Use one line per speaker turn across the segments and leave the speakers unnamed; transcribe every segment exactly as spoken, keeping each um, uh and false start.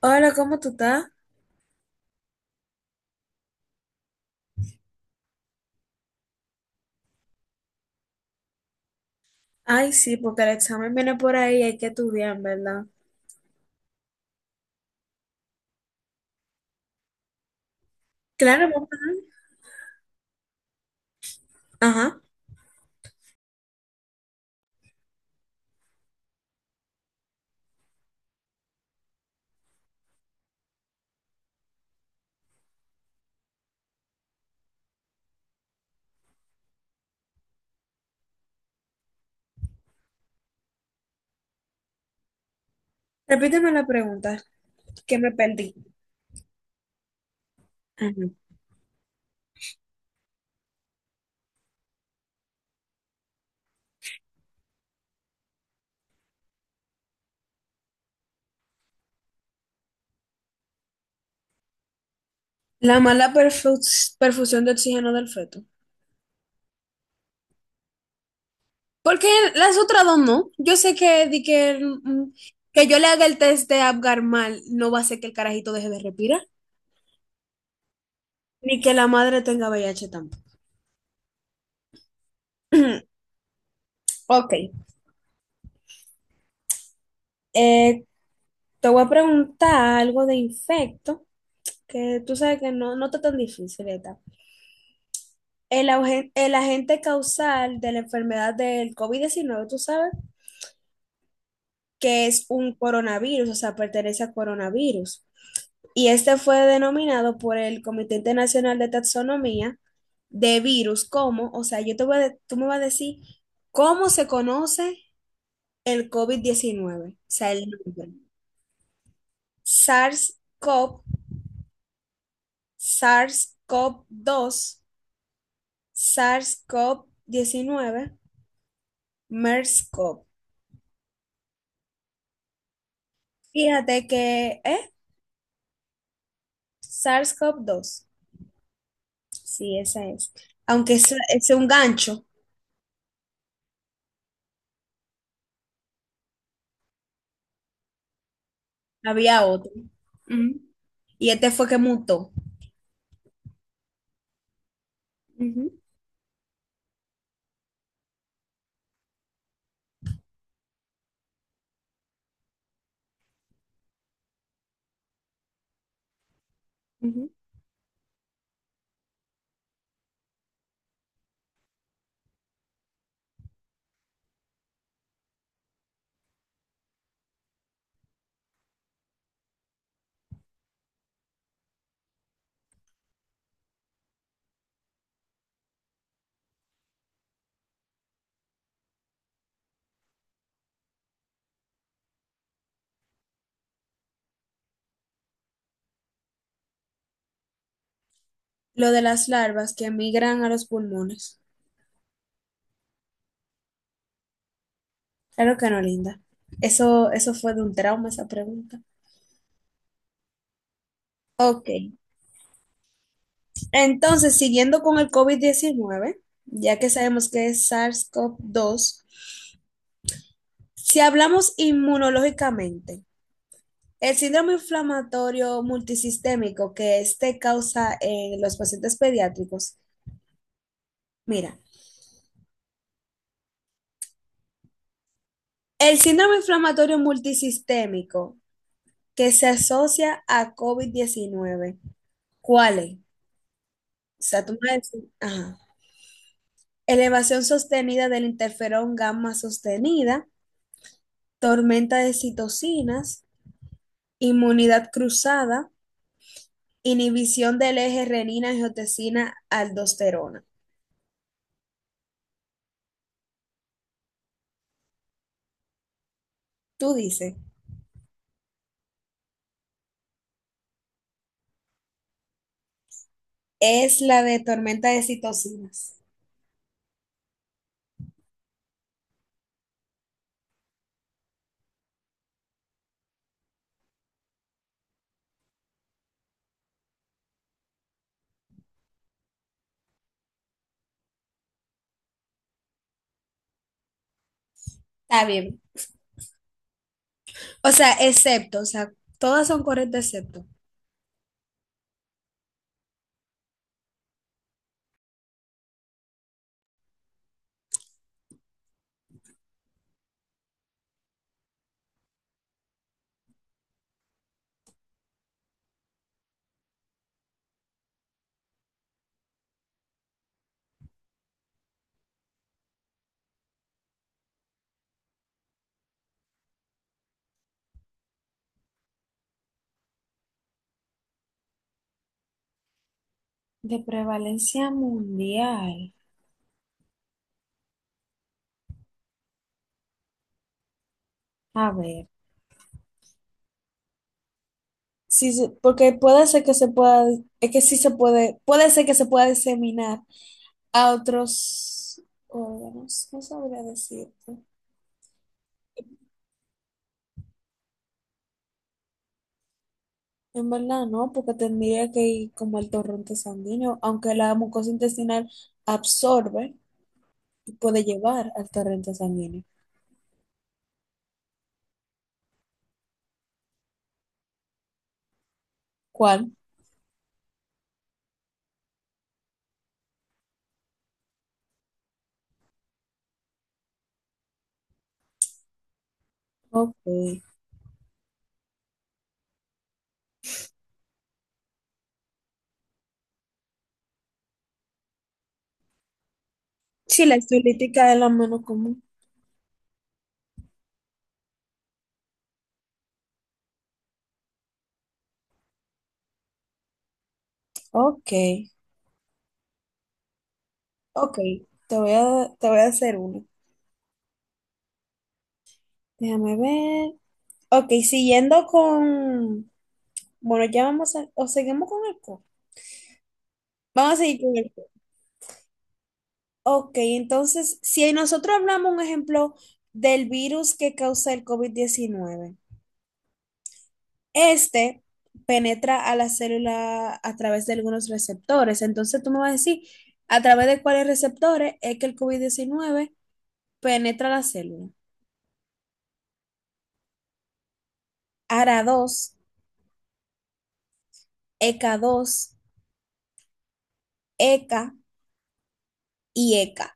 Hola, ¿cómo tú estás? Ay, sí, porque el examen viene por ahí y hay que estudiar, ¿en verdad? Claro, vamos a. Ajá. Repíteme la pregunta, que me perdí. Ajá. La mala perfus- perfusión de oxígeno del feto. Porque las otras dos no. Yo sé que, di que, el- mm, que yo le haga el test de Apgar mal no va a hacer que el carajito deje de respirar, ni que la madre tenga V I H tampoco. Ok, eh, te voy a preguntar algo de infecto, que tú sabes que no, no está tan difícil, ¿verdad? El, auge- el agente causal de la enfermedad del covid diecinueve, tú sabes que es un coronavirus, o sea, pertenece a coronavirus. Y este fue denominado por el Comité Internacional de Taxonomía de virus como, o sea, yo te voy a de- tú me vas a decir cómo se conoce el covid diecinueve, o sea, el nombre. SARS-CoV, cov dos, sars cov diecinueve, MERS-CoV. Fíjate que, ¿eh? SARS-S A R S cov dos. Sí, esa es. Aunque ese es un gancho, había otro. Ujú. Y este fue que mutó. Ujú, ujú. Lo de las larvas que migran a los pulmones. Claro que no, linda. Eso, eso fue de un trauma esa pregunta. Ok. Entonces, siguiendo con el covid diecinueve, ya que sabemos que es SARS-S A R S cov dos, si hablamos inmunológicamente, el síndrome inflamatorio multisistémico que este causa en los pacientes pediátricos, mira, el síndrome inflamatorio multisistémico que se asocia a covid diecinueve, ¿cuál es? O sea, tú me decís, ajá. Elevación sostenida del interferón gamma sostenida, tormenta de citocinas, inmunidad cruzada, inhibición del eje renina-angiotensina-aldosterona. Tú dices, es la de tormenta de citocinas. Está bien. O sea, excepto, o sea, todas son correctas excepto. De prevalencia mundial. A ver. Sí, se- porque puede ser que se pueda, es que sí se puede, puede ser que se pueda diseminar a otros órganos. No sabría decirte. En verdad no, porque tendría que ir como al torrente sanguíneo, aunque la mucosa intestinal absorbe y puede llevar al torrente sanguíneo. ¿Cuál? Ok. Sí, la estilítica es la menos común. Ok. Ok, te voy a, te voy a hacer uno. Déjame ver. Ok, siguiendo con… Bueno, ya vamos a… O seguimos con el co. Vamos a seguir con el co. Ok, entonces, si nosotros hablamos un ejemplo del virus que causa el covid diecinueve, este penetra a la célula a través de algunos receptores. Entonces tú me vas a decir, ¿a través de cuáles receptores es que el covid diecinueve penetra la célula? A R A dos, E C A dos, E C A y E C A.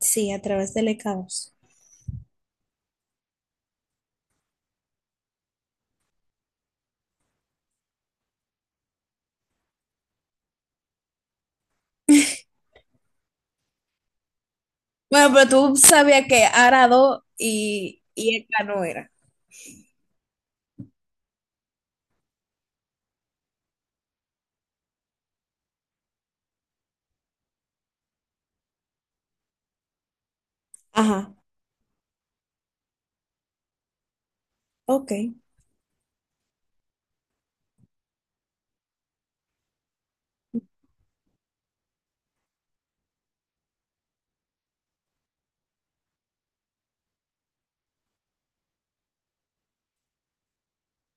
Sí, a través del E C A O S. Bueno, pero tú sabías que Arado y, y E C A no era. Ajá, ok.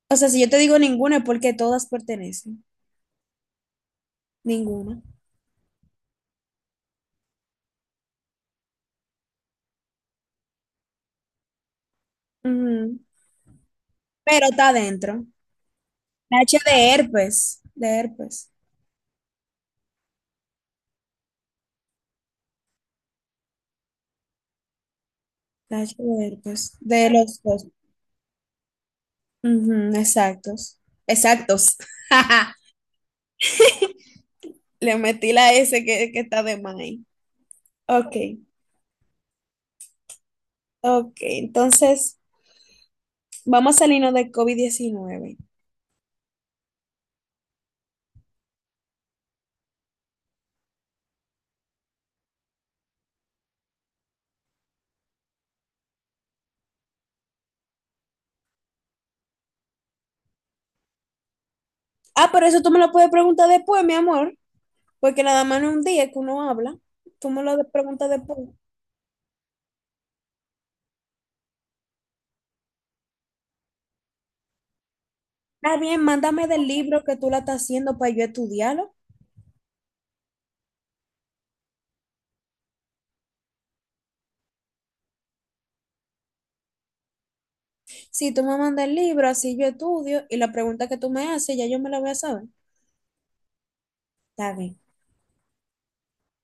O sea, si yo te digo ninguna es porque todas pertenecen. Ninguna. Ujú. Pero está adentro. La H de herpes. De herpes. La H de herpes. De los dos. Ujú, exactos. Exactos. Le metí la S que, que está de más ahí. Ok, ok. Entonces, vamos a salirnos de covid diecinueve. Ah, pero eso tú me lo puedes preguntar después, mi amor, porque nada más no es un día que uno habla. Tú me lo de- preguntas después. Está bien, mándame del libro que tú la estás haciendo para yo estudiarlo. Si tú me mandas el libro, así yo estudio y la pregunta que tú me haces, ya yo me la voy a saber. Está bien.